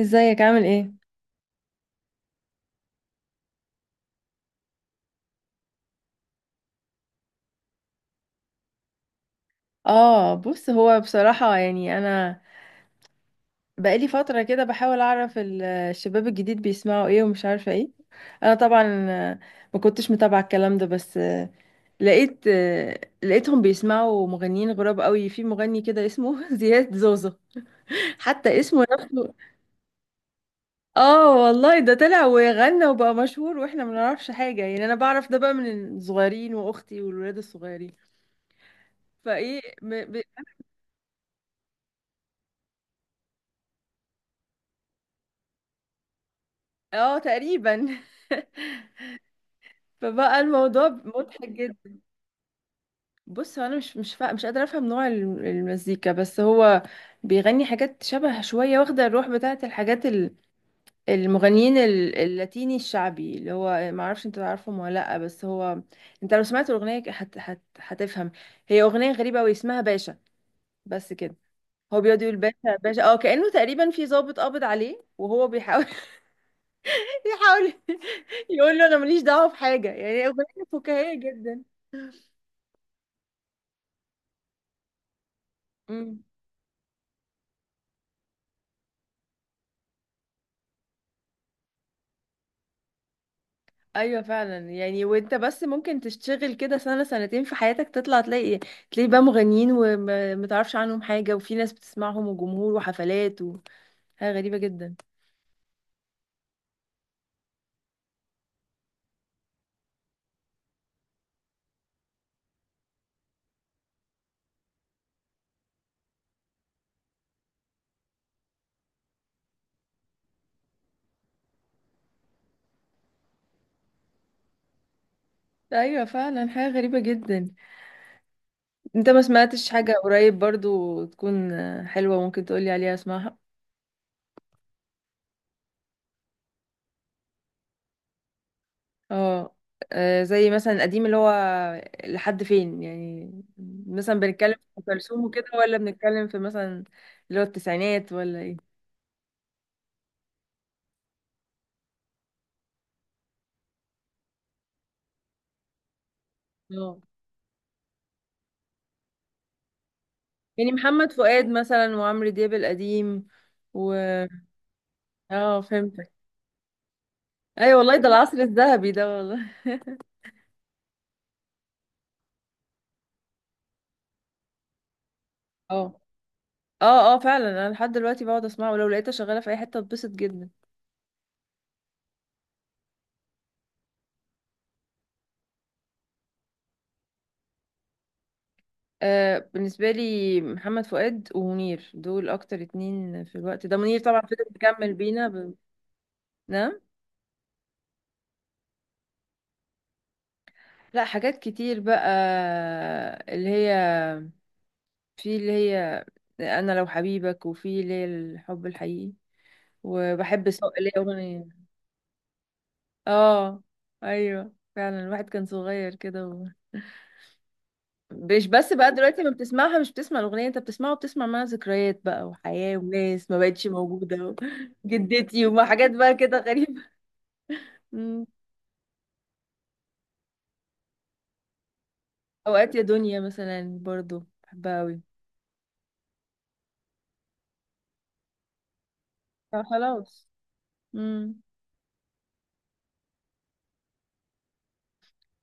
ازيك، عامل ايه؟ اه بص، هو بصراحة يعني انا بقالي فترة كده بحاول اعرف الشباب الجديد بيسمعوا ايه ومش عارفة ايه. انا طبعا ما كنتش متابعة الكلام ده، بس لقيت لقيتهم بيسمعوا مغنيين غراب قوي. في مغني كده اسمه زياد زوزو، حتى اسمه نفسه. اه والله، ده طلع وغنى وبقى مشهور واحنا ما نعرفش حاجة، يعني انا بعرف ده بقى من الصغيرين واختي والولاد الصغيرين. فايه اه تقريبا. فبقى الموضوع مضحك جدا. بص، هو انا مش قادره افهم نوع المزيكا، بس هو بيغني حاجات شبه شويه واخده الروح بتاعه الحاجات المغنيين اللاتيني الشعبي، اللي هو ما اعرفش انت تعرفهم ولا لا، بس هو انت لو سمعت الاغنيه هتفهم. هي اغنيه غريبه قوي اسمها باشا، بس كده. هو بيقعد يقول باشا باشا، اه كانه تقريبا في ضابط قابض عليه وهو بيحاول يحاول يقول له انا ماليش دعوه بحاجه، يعني اغنيه فكاهيه جدا. امم. ايوه فعلا، يعني وانت بس ممكن تشتغل كده سنه سنتين في حياتك، تطلع تلاقي بقى مغنيين ومتعرفش عنهم حاجه، وفي ناس بتسمعهم وجمهور وحفلات وحاجه غريبه جدا. ايوه فعلا، حاجه غريبه جدا. انت ما سمعتش حاجه قريب برضو تكون حلوه ممكن تقولي عليها اسمعها؟ اه. زي مثلا القديم، اللي هو لحد فين يعني؟ مثلا بنتكلم في ام كلثوم وكده، ولا بنتكلم في مثلا اللي هو التسعينات ولا ايه؟ اه، يعني محمد فؤاد مثلا، وعمرو دياب القديم و... اه، فهمتك. ايوه والله، ده العصر الذهبي ده والله. اه، اه، اه فعلا، انا لحد دلوقتي بقعد اسمعه، ولو لقيتها شغاله في اي حته اتبسط جدا. آه، بالنسبه لي محمد فؤاد ومنير، دول اكتر اتنين في الوقت ده. منير طبعا فضل مكمل بينا ب... نعم؟ لا، حاجات كتير بقى، اللي هي في اللي هي انا لو حبيبك، وفي اللي هي الحب الحقيقي، وبحب سوق، اللي هي اغنيه. اه، ايوه فعلا، الواحد كان صغير كده و... مش بس بقى دلوقتي ما بتسمعها، مش بتسمع الاغنيه، انت بتسمعها وبتسمع معاها ذكريات بقى وحياه وناس ما بقتش موجوده و... جدتي وما حاجات بقى كده غريبه. مم. اوقات يا دنيا مثلا برضو بحبها قوي. فخلاص. امم.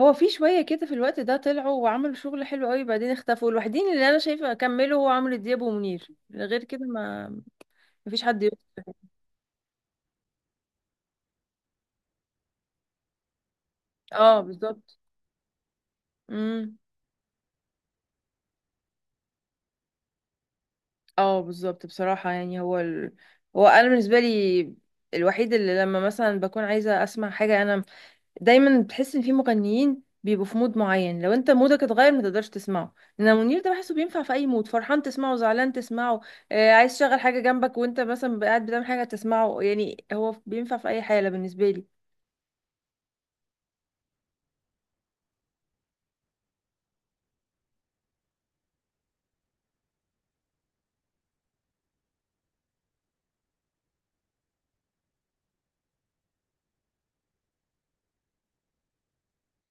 هو في شويه كده في الوقت ده طلعوا وعملوا شغل حلو قوي، بعدين اختفوا. الوحيدين اللي انا شايفه كملوا هو عمرو دياب ومنير، غير كده ما مفيش حد يقول. اه بالظبط. امم. اه بالظبط، بصراحة يعني هو ال... هو انا بالنسبة لي الوحيد اللي لما مثلا بكون عايزة اسمع حاجة. انا دايما بتحس ان في مغنيين بيبقوا في مود معين، لو انت مودك اتغير ما تقدرش تسمعه. انما منير ده بحسه بينفع في اي مود، فرحان تسمعه، زعلان تسمعه، عايز تشغل حاجة جنبك وانت مثلا قاعد بتعمل حاجة تسمعه. يعني هو بينفع في اي حالة بالنسبة لي.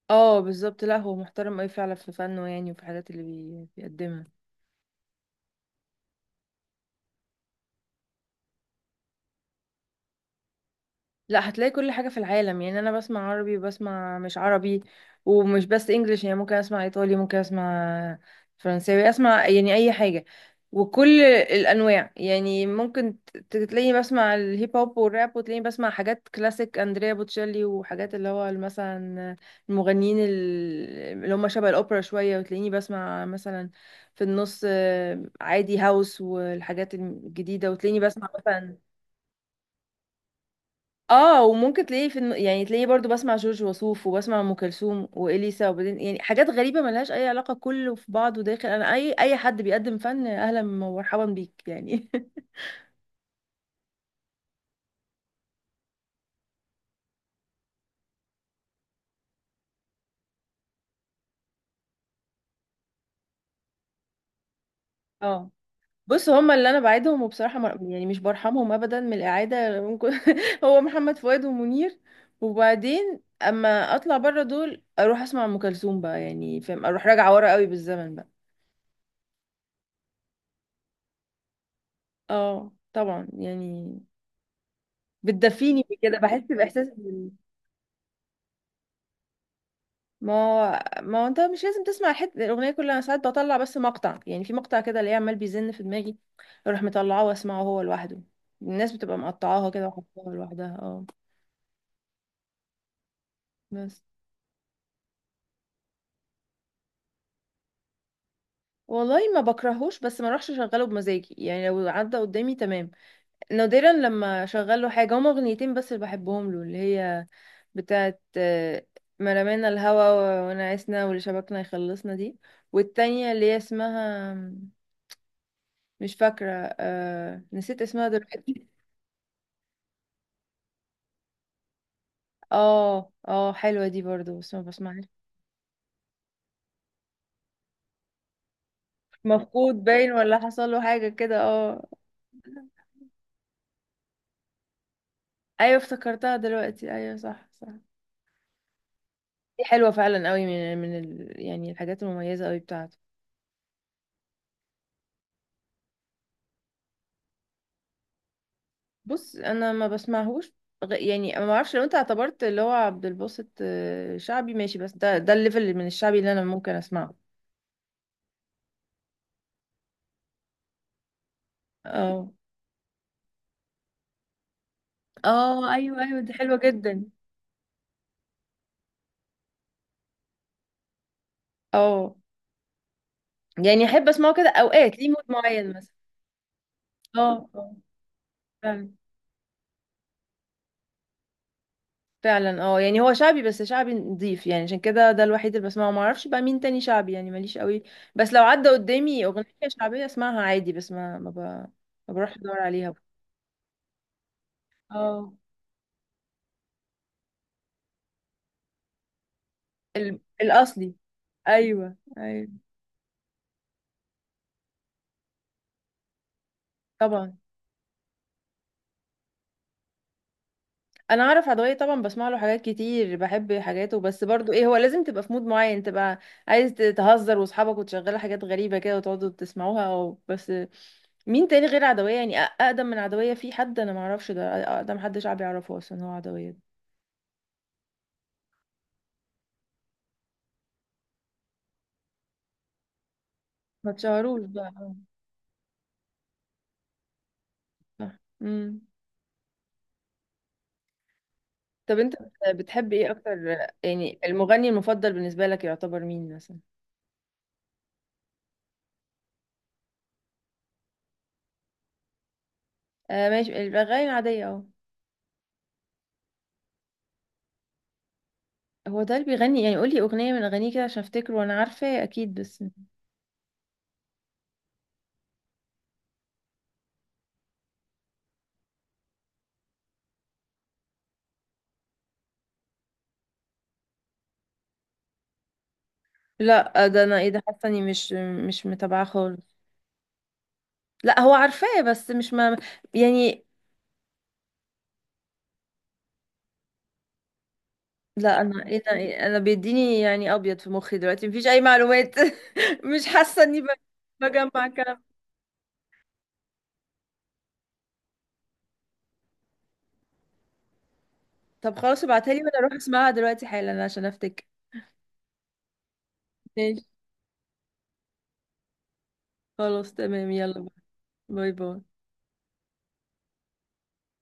اه بالظبط، لا هو محترم اوي فعلا في فنه، يعني وفي الحاجات اللي بي... بيقدمها. لا، هتلاقي كل حاجة في العالم، يعني أنا بسمع عربي وبسمع مش عربي. ومش بس إنجليش، يعني ممكن أسمع إيطالي، ممكن أسمع فرنساوي، أسمع يعني أي حاجة وكل الأنواع. يعني ممكن تلاقيني بسمع الهيب هوب والراب، وتلاقيني بسمع حاجات كلاسيك أندريا بوتشيلي وحاجات اللي هو مثلا المغنيين اللي هم شبه الأوبرا شوية، وتلاقيني بسمع مثلا في النص عادي هاوس والحاجات الجديدة، وتلاقيني بسمع مثلا اه. وممكن تلاقيه في الم... يعني تلاقيه برضو، بسمع جورج وسوف وبسمع ام كلثوم واليسا، وبعدين يعني حاجات غريبه ملهاش اي علاقه، كله في بعضه داخل. انا اي حد بيقدم فن، اهلا ومرحبا بيك يعني. اه بص، هما اللي انا بعيدهم وبصراحه مر... يعني مش برحمهم ابدا من الاعاده ممكن. هو محمد فؤاد ومنير. وبعدين اما اطلع بره دول، اروح اسمع ام كلثوم بقى، يعني فاهم، اروح راجعه ورا قوي بالزمن بقى. اه طبعا يعني، بتدفيني كده، بحس باحساس. ما ما هو انت مش لازم تسمع حت... الاغنيه كلها، انا ساعات بطلع بس مقطع، يعني في مقطع كده اللي عمال بيزن في دماغي اروح مطلعاه واسمعه هو لوحده. الناس بتبقى مقطعاها كده وحطاها لوحدها. اه بس. والله ما بكرهوش، بس ما اروحش اشغله بمزاجي، يعني لو عدى قدامي تمام. نادرا لما اشغله حاجه. هما اغنيتين بس اللي بحبهم له، اللي هي بتاعت مرمانا الهوا ونعسنا واللي شبكنا يخلصنا دي، والتانية اللي هي اسمها مش فاكرة، نسيت اسمها دلوقتي. اه اه، حلوة دي برضو بس ما بسمعهاش. مفقود باين ولا حصل له حاجة كده، اه. ايوه افتكرتها دلوقتي، ايوه صح صح. دي حلوة فعلا قوي، يعني الحاجات المميزة قوي بتاعته. بص، انا ما بسمعهوش. يعني ما اعرفش، لو انت اعتبرت اللي هو عبد الباسط شعبي، ماشي، بس ده ده الليفل من الشعبي اللي انا ممكن اسمعه. اه اه، ايوه ايوه، دي حلوة جدا. اه يعني احب اسمعه كده اوقات ليه مود معين مثلا. اه اه فعلا. فعلا اه، يعني هو شعبي بس شعبي نضيف، يعني عشان كده ده الوحيد اللي بسمعه، ما اعرفش بقى مين تاني شعبي، يعني ماليش قوي. بس لو عدى قدامي اغنية شعبية اسمعها عادي، بس ما بروحش ادور عليها. اه. ال... الاصلي. ايوه ايوه طبعا. انا اعرف عدوية طبعا، بسمع له حاجات كتير، بحب حاجاته، بس برضو ايه، هو لازم تبقى في مود معين، تبقى عايز تهزر واصحابك وتشغلوا حاجات غريبة كده وتقعدوا تسمعوها او بس. مين تاني غير عدوية يعني؟ اقدم من عدوية في حد؟ انا ما اعرفش، ده اقدم حد شعبي يعرفه اصلا هو عدوية ده. ما تشهروش بقى. صح. امم. طب انت بتحب ايه اكتر؟ يعني المغني المفضل بالنسبة لك يعتبر مين مثلا؟ آه ماشي، الاغاني العادية اهو. هو ده اللي بيغني؟ يعني قولي اغنية من اغانيه كده عشان افتكر، وانا عارفة اكيد بس. لا ده انا ايه ده، حاسه اني مش متابعاه خالص. لا هو عارفاه، بس مش ما يعني. لا انا ايه ده، إيه انا بيديني يعني، ابيض في مخي دلوقتي مفيش اي معلومات. مش حاسه اني بجمع كلام. طب خلاص، ابعتها لي وانا اروح اسمعها دلوقتي حالا عشان افتكر. ماشي. خلاص تمام، يلا. باي باي.